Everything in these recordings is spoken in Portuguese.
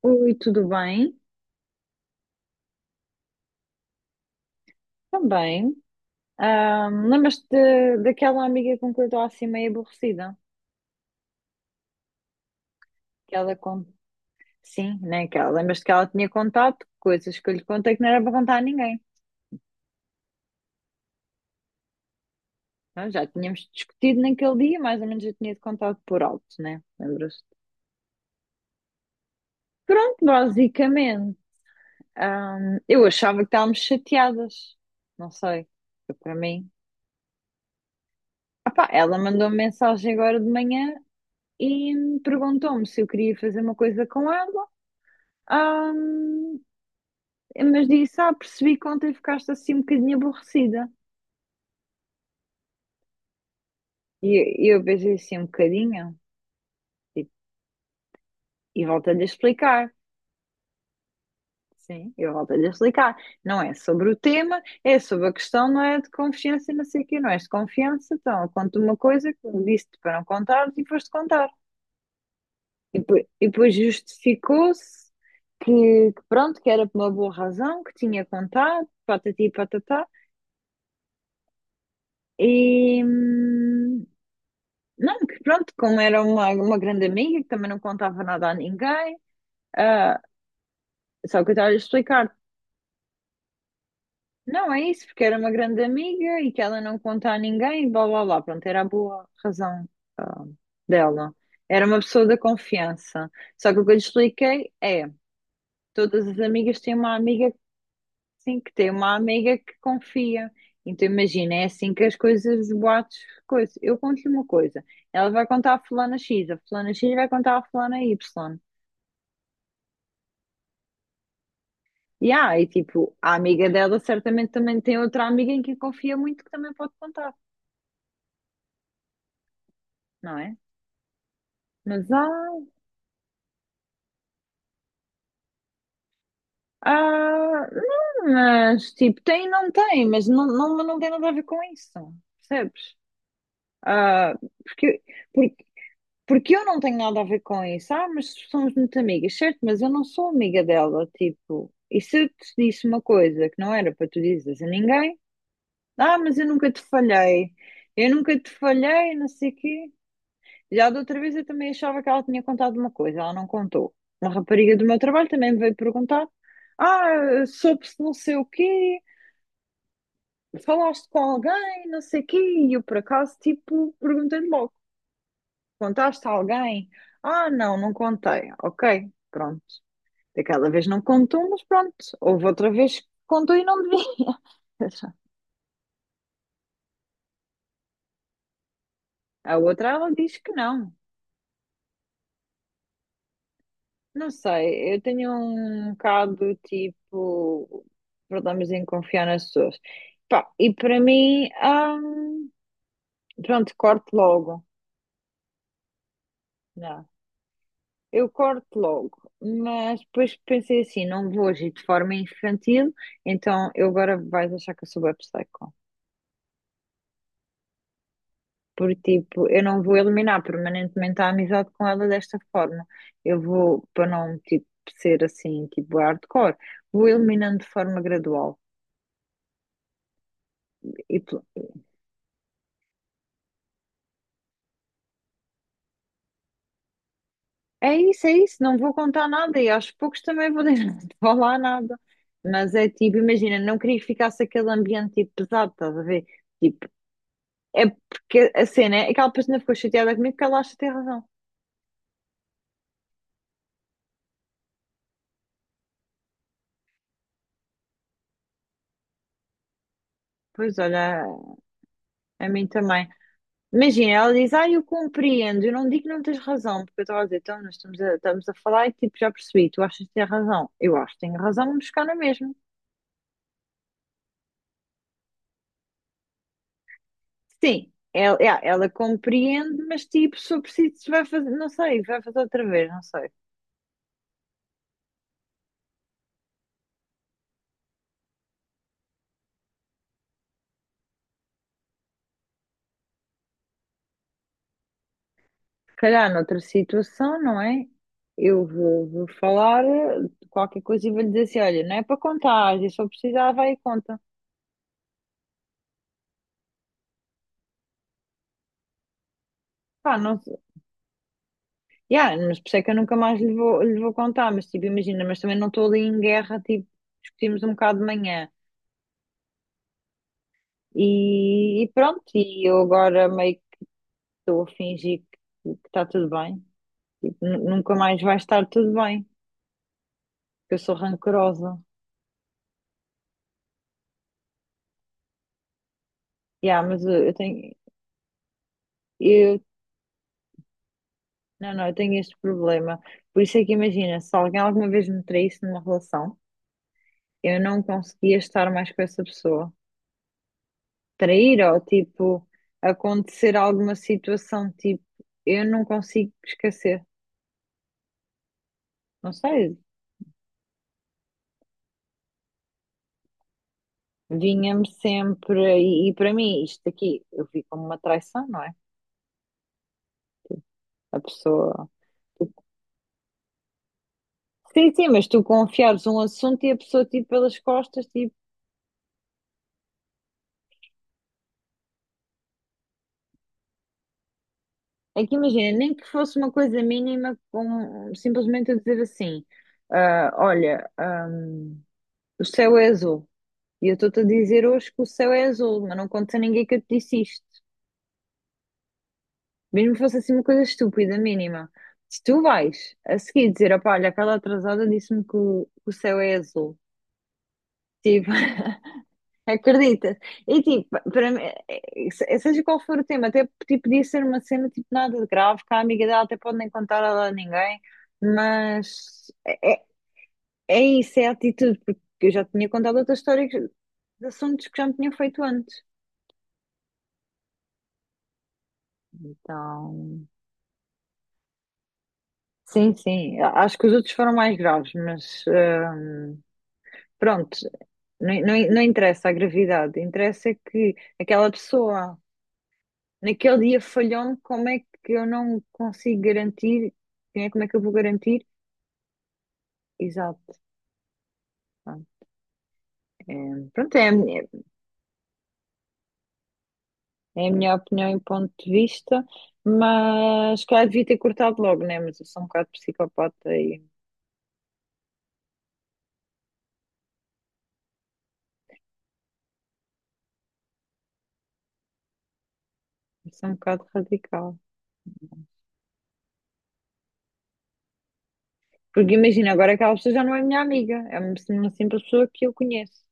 Oi, tudo bem? Também. Lembras-te daquela amiga com que eu estou assim meio aborrecida? Que ela con- Sim, né? Que ela... Lembras-te que ela tinha contado coisas que eu lhe contei que não era para contar a ninguém. Nós já tínhamos discutido naquele dia, mais ou menos eu tinha-te contado por alto, né? Lembras-te? Pronto, basicamente. Eu achava que estávamos chateadas. Não sei. Foi para mim. Ah pá, ela mandou-me mensagem agora de manhã e perguntou-me se eu queria fazer uma coisa com ela. Ahm, mas disse, ah, percebi que ontem ficaste assim um bocadinho aborrecida. E eu pensei assim um bocadinho, e, e volto-lhe a explicar. Sim, eu volto-lhe a explicar. Não é sobre o tema, é sobre a questão, não é de confiança, e não sei o quê, não és de confiança, então eu conto uma coisa que me disse-te para não contar e foste contar. E depois justificou-se que pronto, que era por uma boa razão, que tinha contado, patati e patatá. E, hum, Não, que pronto, como era uma grande amiga, que também não contava nada a ninguém, ah, só que eu estava a explicar, não é isso, porque era uma grande amiga e que ela não conta a ninguém, e blá blá blá, pronto, era a boa razão, ah, dela. Era uma pessoa da confiança. Só que o que eu lhe expliquei é, todas as amigas têm uma amiga, sim, que tem uma amiga que confia. Então imagina, é assim que as coisas, os boatos, coisa. Eu conto-lhe uma coisa, ela vai contar a fulana X, a fulana X vai contar a fulana Y. Yeah, e tipo, a amiga dela certamente também tem outra amiga em quem confia muito que também pode contar, não é? Mas há, não, mas tipo, tem e não tem, mas não, não, não tem nada a ver com isso, percebes? Ah, porque, porque, porque eu não tenho nada a ver com isso, ah, mas somos muito amigas, certo? Mas eu não sou amiga dela, tipo, e se eu te disse uma coisa que não era para tu dizeres a ninguém, ah, mas eu nunca te falhei, não sei o quê. Já da outra vez eu também achava que ela tinha contado uma coisa, ela não contou. Uma rapariga do meu trabalho também me veio perguntar: ah, soube-se não sei o quê, falaste com alguém, não sei o quê, e eu por acaso, tipo, perguntei-lhe logo: contaste a alguém? Ah, não, não contei. Ok, pronto. Daquela vez não contou, mas pronto. Houve outra vez que contou e não devia. A outra ela diz que não. Não sei, eu tenho um bocado tipo problemas em confiar nas pessoas. Pá, e para mim, hum, pronto, corto logo. Não, eu corto logo, mas depois pensei assim: não vou agir de forma infantil, então eu agora vais achar que eu sou bué psycho. Porque tipo, eu não vou eliminar permanentemente a amizade com ela desta forma. Eu vou, para não tipo, ser assim, tipo hardcore, vou eliminando de forma gradual. E, é isso, não vou contar nada e aos poucos também vou deixar de falar nada. Mas é tipo, imagina, não queria que ficasse aquele ambiente tipo, pesado, estás a ver? Tipo, é porque a cena é aquela pessoa ficou chateada comigo que ela acha que tem razão. Pois olha, a mim também. Imagina, ela diz, ah, eu compreendo, eu não digo que não tens razão, porque eu estava a dizer, então nós estamos a falar e tipo, já percebi, tu achas que tens razão. Eu acho que tenho razão, vamos buscar na mesma. Sim, ela compreende, mas tipo, se eu preciso, vai fazer, não sei, vai fazer outra vez, não sei. Se calhar noutra situação, não é? Eu vou falar qualquer coisa e vou lhe dizer assim: olha, não é para contar, e se eu precisar, vai e conta. Pá, não sei. Yeah, mas por isso é que eu nunca mais lhe vou contar, mas tipo, imagina, mas também não estou ali em guerra, tipo, discutimos um bocado de manhã. E pronto, e eu agora meio que estou a fingir que está tudo bem. Tipo, nunca mais vai estar tudo bem. Eu sou rancorosa. Yeah, mas eu, não, não, eu tenho este problema. Por isso é que imagina, se alguém alguma vez me traísse numa relação, eu não conseguia estar mais com essa pessoa. Trair ou tipo acontecer alguma situação tipo, eu não consigo esquecer. Não sei, vinha-me sempre e para mim isto aqui eu vi como uma traição, não é? A pessoa. Sim, sim, mas tu confiares um assunto e a pessoa tipo pelas costas, tipo, é que imagina, nem que fosse uma coisa mínima, com simplesmente eu dizer assim: ah, olha, ah, o céu é azul. E eu estou-te a dizer hoje que o céu é azul, mas não contes a ninguém que eu te disse isto. Mesmo que fosse assim uma coisa estúpida, mínima. Se tu vais a seguir dizer: opá, olha, aquela atrasada disse-me que o céu é azul. Tipo, acreditas? E tipo, para mim, seja qual for o tema, até tipo, podia ser uma cena tipo nada de grave, que a amiga dela até pode nem contar a ela a ninguém. Mas é É isso, é a atitude, porque eu já tinha contado outra história de assuntos que já me tinham feito antes. Então, sim, sim, acho que os outros foram mais graves, mas ah, pronto, não, não, não interessa a gravidade, interessa é que aquela pessoa naquele dia falhou-me, como é que eu não consigo garantir, né, como é que eu vou garantir? Exato, pronto, é, pronto, é a minha, é a minha opinião e ponto de vista, mas claro, devia ter cortado logo, né? Mas eu sou um bocado psicopata. Isso é um bocado radical. Porque imagina, agora aquela pessoa já não é minha amiga, é uma simples pessoa que eu conheço,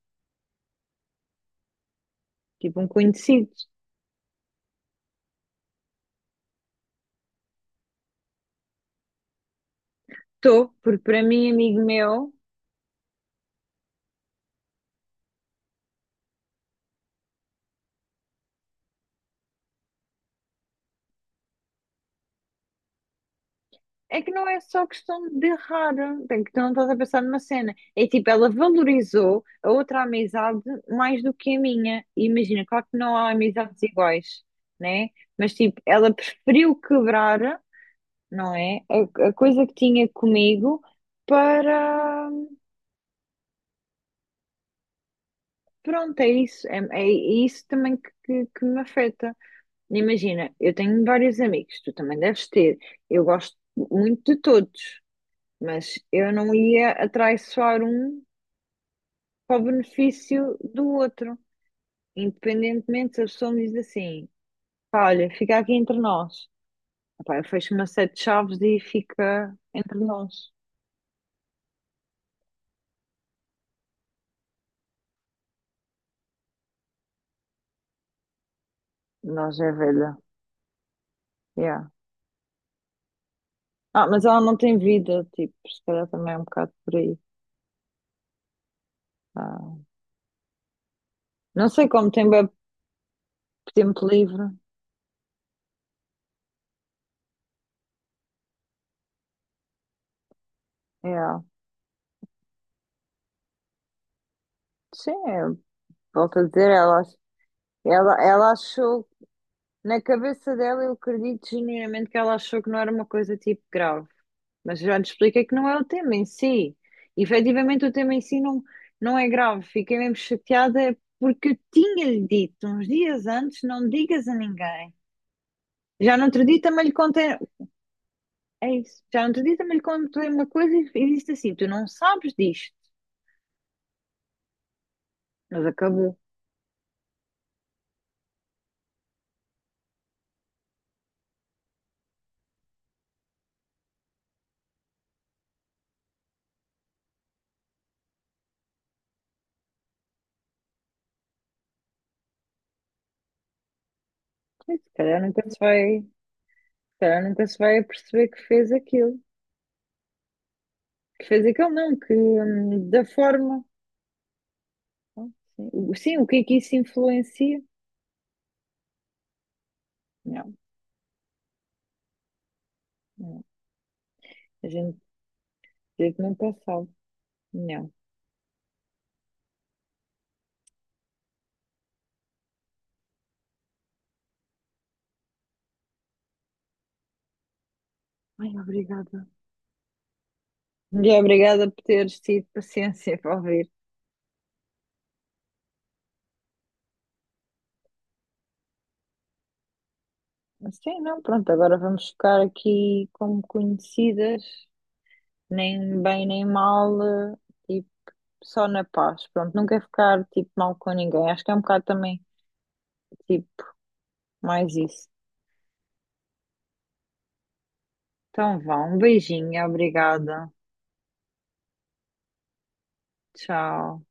tipo um conhecido. Estou, porque para mim, amigo meu, é que não é só questão de errar, tem que tu não estás a pensar numa cena. É tipo, ela valorizou a outra amizade mais do que a minha. E imagina, claro que não há amizades iguais, né? Mas tipo, ela preferiu quebrar, não é? A coisa que tinha comigo para. Pronto, é isso. É isso também que me afeta. Imagina, eu tenho vários amigos, tu também deves ter. Eu gosto muito de todos, mas eu não ia atraiçoar um para o benefício do outro. Independentemente se a pessoa me diz assim, pá, olha, fica aqui entre nós. Epá, eu fecho uma sete de chaves e fica entre nós. Nós é velha. Yeah. Ah, mas ela não tem vida, tipo, se calhar também é um bocado por aí. Ah, não sei como tem bué tempo livre. É, sim, eu volto a dizer, ela achou, na cabeça dela, eu acredito genuinamente que ela achou que não era uma coisa tipo grave, mas já te expliquei que não é o tema em si. Efetivamente, o tema em si não, não é grave. Fiquei mesmo chateada porque eu tinha-lhe dito uns dias antes: não digas a ninguém. Já no outro dia também lhe contei, é isso, já no outro dia também lhe contei uma coisa e disse assim: tu não sabes disto, mas acabou. Se calhar nunca se vai. Calhar nunca se vai perceber que fez aquilo. Que fez aquilo, não, que da forma. Não? Sim, o que é que isso influencia? Não, não. A gente, a gente nunca sabe. Não. Ai, obrigada. E obrigada por teres tido paciência para ouvir. Mas sim, não, pronto, agora vamos ficar aqui como conhecidas, nem bem nem mal, tipo, só na paz. Pronto, nunca ficar tipo mal com ninguém. Acho que é um bocado também, tipo, mais isso. Então vá, um beijinho, obrigada. Tchau.